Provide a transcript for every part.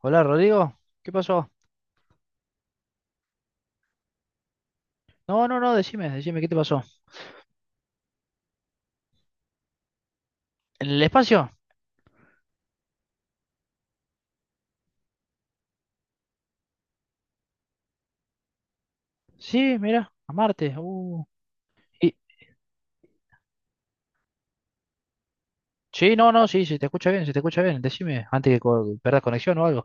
Hola, Rodrigo. ¿Qué pasó? No, no, no, decime, decime, ¿qué te pasó? ¿En el espacio? Sí, mira, a Marte. Y, sí, no, no, sí, sí, te escucha bien, se te escucha bien. Decime, antes que perdas conexión o algo.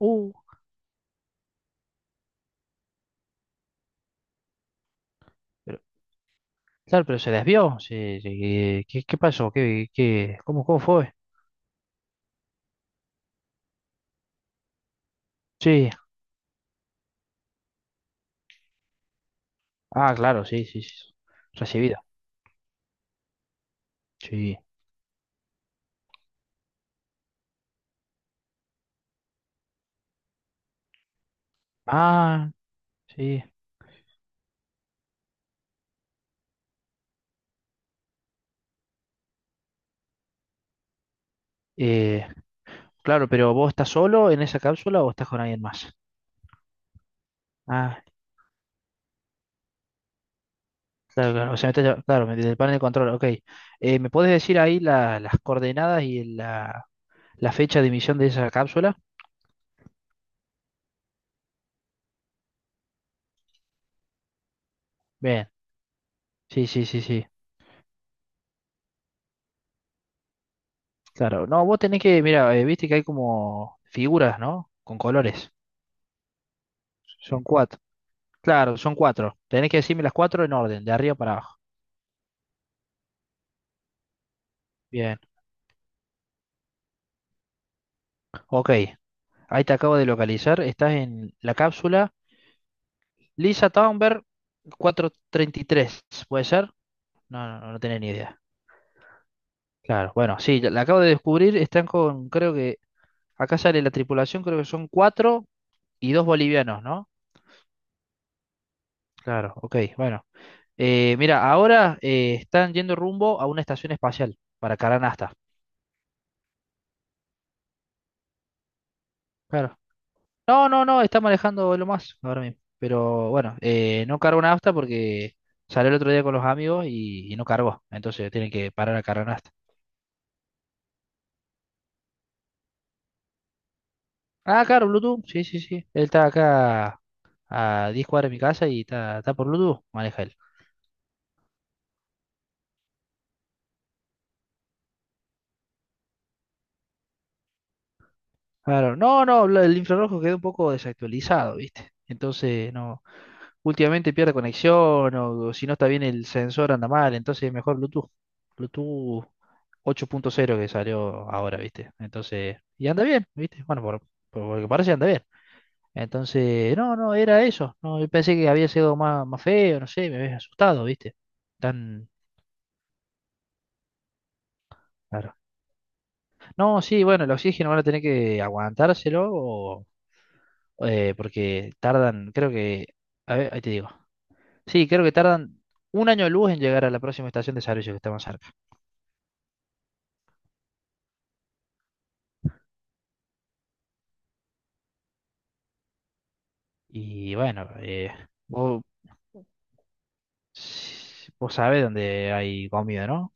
Uh, pero, claro, pero se desvió. Sí, sí, qué pasó? Cómo fue? Sí. Ah, claro, sí, sí, sí. Recibida. Sí. Ah, sí. Eh, claro, pero ¿vos estás solo en esa cápsula o estás con alguien más? Ah. Claro, claro, o sea, claro, desde el panel de control, ok. ¿Me puedes decir ahí las coordenadas y la fecha de emisión de esa cápsula? Bien, sí, sí, sí, sí, claro. No, vos tenés que, mira, viste que hay como figuras, ¿no? Con colores. Son cuatro. Claro, son cuatro. Tenés que decirme las cuatro en orden, de arriba para abajo. Bien, ok. Ahí te acabo de localizar. Estás en la cápsula Lisa Thunberg 433, ¿puede ser? No, no, no tenía ni idea. Claro, bueno, sí, la acabo de descubrir, están con, creo que, acá sale la tripulación, creo que son cuatro y dos bolivianos, ¿no? Claro, ok, bueno. Mira, ahora están yendo rumbo a una estación espacial para Caranasta. Claro. No, no, no, está manejando lo más ahora mismo. Pero bueno, no cargó nafta porque salió el otro día con los amigos y, no cargó. Entonces tienen que parar a cargar Caranasta. Ah, claro, Bluetooth, sí, sí, sí. Él está acá a 10 cuadras de mi casa y está, por Bluetooth, maneja él. Claro, no, no, el infrarrojo quedó un poco desactualizado, ¿viste? Entonces, no, últimamente pierde conexión o, si no está bien el sensor anda mal, entonces mejor Bluetooth. Bluetooth 8.0 que salió ahora, ¿viste? Entonces, y anda bien, ¿viste? Bueno, por lo que parece anda bien. Entonces, no, no, era eso. No, yo pensé que había sido más, más feo, no sé, me había asustado, ¿viste? Tan, claro. No, sí, bueno, el oxígeno van a tener que aguantárselo o porque tardan, creo que, a ver, ahí te digo. Sí, creo que tardan un año de luz en llegar a la próxima estación de servicio que está más cerca. Y bueno, vos, vos sabés dónde hay comida, ¿no?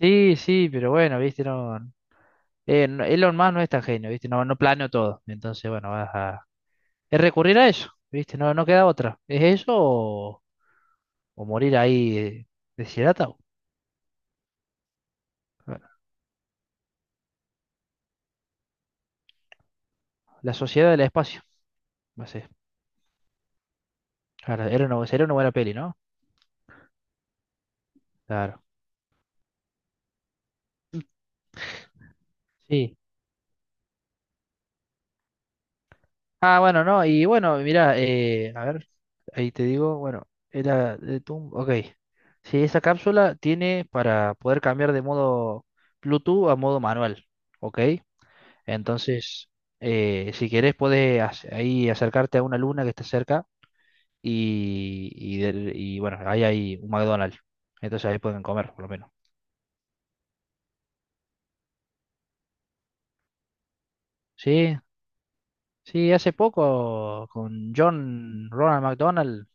Sí, sí, pero bueno, viste, no, Elon Musk no es tan genio, viste, no, no planeó todo. Entonces, bueno, vas a es recurrir a eso, viste, no, no queda otra. ¿Es eso o, morir ahí deshidratado? Bueno, la sociedad del espacio, no sé. Claro, era una, sería una buena peli, ¿no? Claro, sí. Ah, bueno, no, y bueno, mira, a ver, ahí te digo, bueno, era de Tum, ok. Sí, esa cápsula tiene para poder cambiar de modo Bluetooth a modo manual, ok. Entonces, si querés, podés ahí acercarte a una luna que está cerca y bueno, ahí hay un McDonald's. Entonces ahí pueden comer, por lo menos. Sí, sí, hace poco con John Ronald McDonald.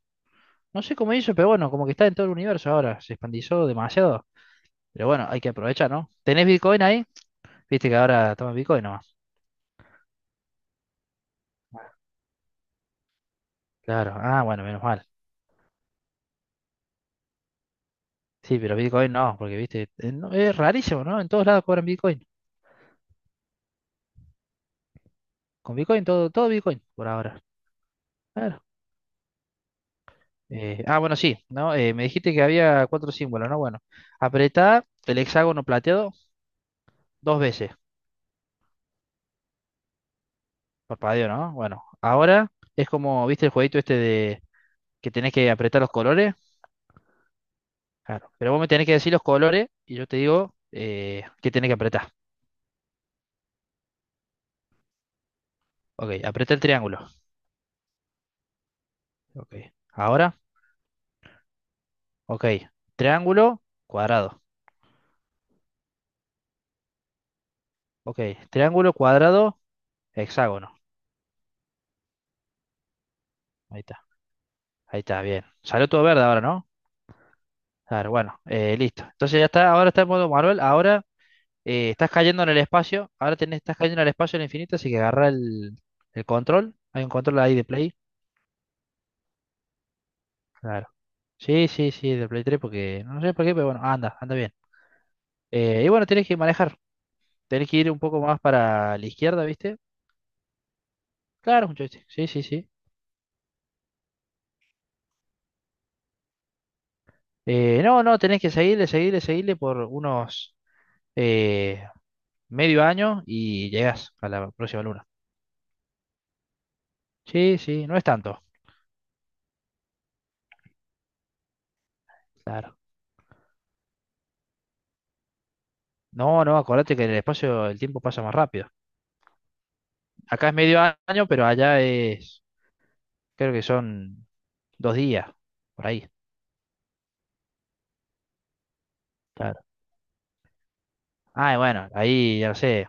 No sé cómo hizo, pero bueno, como que está en todo el universo ahora. Se expandizó demasiado. Pero bueno, hay que aprovechar, ¿no? ¿Tenés Bitcoin ahí? Viste que ahora toma Bitcoin nomás. Claro. Ah, bueno, menos mal. Sí, pero Bitcoin no, porque viste, es rarísimo, ¿no? En todos lados cobran Bitcoin. Con Bitcoin, todo Bitcoin por ahora. Claro. Bueno, sí, ¿no? Me dijiste que había cuatro símbolos, ¿no? Bueno, apretá el hexágono plateado dos veces. Parpadeo, ¿no? Bueno, ahora es como, ¿viste el jueguito este de que tenés que apretar los colores? Claro. Pero vos me tenés que decir los colores y yo te digo qué tenés que apretar. Ok, apreté el triángulo. Ok. Ahora, ok. Triángulo, cuadrado. Ok. Triángulo, cuadrado, hexágono. Ahí está. Ahí está, bien. Salió todo verde ahora, ¿no? Claro, bueno, listo. Entonces ya está, ahora está en modo Marvel. Ahora estás cayendo en el espacio. Ahora tenés, estás cayendo en el espacio en el infinito, así que agarra el, control. Hay un control ahí de Play. Claro. Sí, sí, sí, de Play 3, porque no sé por qué, pero bueno, anda bien. Y bueno, tienes que manejar. Tenés que ir un poco más para la izquierda, ¿viste? Claro, es un joystick. Sí, sí, sí. No, no, tenés que seguirle, seguirle, seguirle por unos eh, medio año y llegás a la próxima luna. Sí, sí, no es tanto. Claro. No, no, acordate que en el espacio el tiempo pasa más rápido. Acá es medio año, pero allá es, creo que son dos días, por ahí. Claro. Ah, y bueno, ahí ya no sé.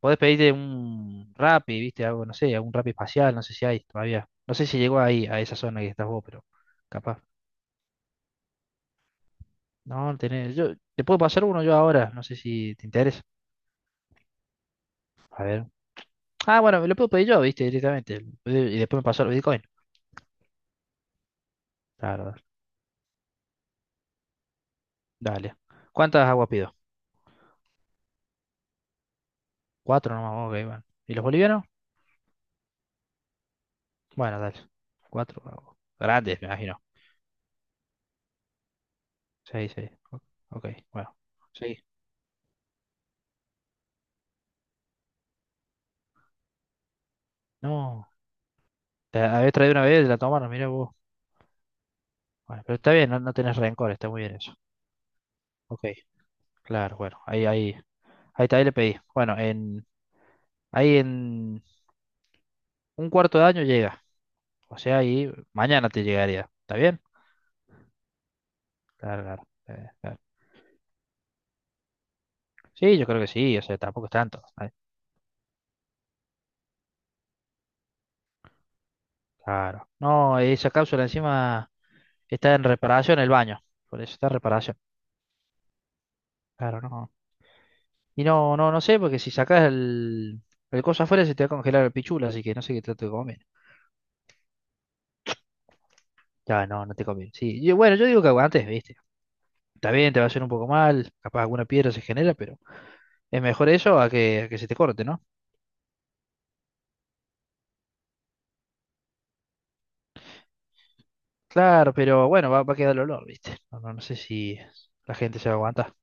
Podés pedirte un Rappi, ¿viste? Algo, no sé, algún Rappi espacial, no sé si hay todavía. No sé si llegó ahí, a esa zona que estás vos, pero capaz. No, no tenés. Yo, te puedo pasar uno yo ahora, no sé si te interesa. A ver. Ah, bueno, me lo puedo pedir yo, ¿viste? Directamente. Y después me pasó el Bitcoin. Claro, dale. Dale. ¿Cuántas aguas pido? Cuatro nomás, ok, bueno. ¿Y los bolivianos? Bueno, dale. Cuatro aguas. Grandes, me imagino. Seis, seis. Ok, bueno. Sí. No. Te habías traído una vez, la tomaron, mira vos. Bueno, pero está bien, no, no tenés rencor, está muy bien eso. Ok, claro, bueno, ahí también le pedí. Bueno, ahí en un cuarto de año llega. O sea, ahí mañana te llegaría. ¿Está bien? Claro, claro. Claro. Sí, yo creo que sí, o sea, tampoco es tanto. Claro. No, esa cápsula encima está en reparación el baño. Por eso está en reparación. Claro, no. Y no, no, no sé, porque si sacas el, cosa afuera se te va a congelar el pichula, así que no sé qué trato de comer. Ya, no, no te conviene. Sí, yo bueno, yo digo que aguantes, ¿viste? Está bien, te va a hacer un poco mal, capaz alguna piedra se genera, pero. Es mejor eso a que, se te corte, ¿no? Claro, pero bueno, va a quedar el olor, ¿viste? No, no, no sé si la gente se va a aguantar.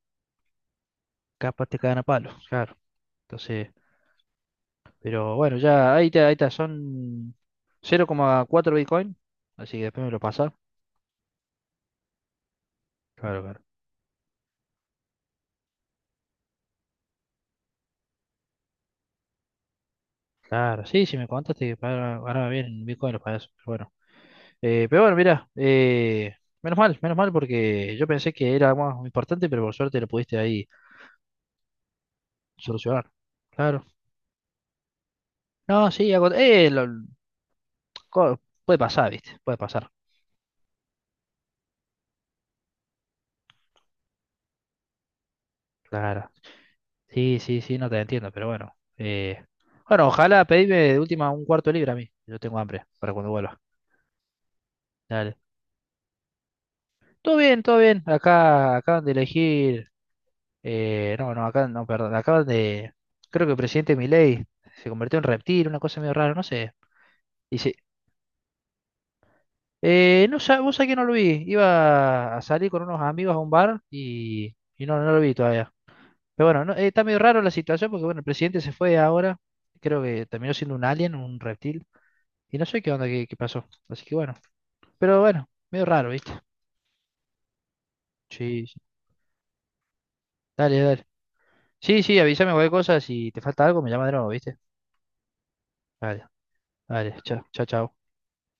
Capaz te cagan a palo, claro. Entonces, pero bueno, ya ahí está, son 0,4 Bitcoin. Así que después me lo pasa. Claro, claro. Claro, sí, si me contaste que ganaba bien en Bitcoin los payasos. Pero bueno, mira, menos mal porque yo pensé que era más importante, pero por suerte lo pudiste ahí solucionar. Claro. No, sí, hago, co- puede pasar, ¿viste? Puede pasar. Claro. Sí, sí, sí, no te entiendo, pero bueno. Bueno, ojalá pedime de última un cuarto de libra a mí. Yo tengo hambre para cuando vuelva. Dale. Todo bien, todo bien. Acá acaban de elegir. No, no, acá no, perdón. Acaban de. Creo que el presidente Milei se convirtió en reptil, una cosa medio rara, no sé. Dice. No, vos sabés que no lo vi. Iba a salir con unos amigos a un bar y, no, no lo vi todavía. Pero bueno, no, está medio raro la situación porque bueno, el presidente se fue ahora. Creo que terminó siendo un alien, un reptil. Y no sé qué onda, qué pasó. Así que bueno. Pero bueno, medio raro, ¿viste? Sí, sí. Dale, dale. Sí, sí, avísame cualquier cosa. Si te falta algo, me llama de nuevo, ¿viste? Dale, dale. Chao, chao, chao.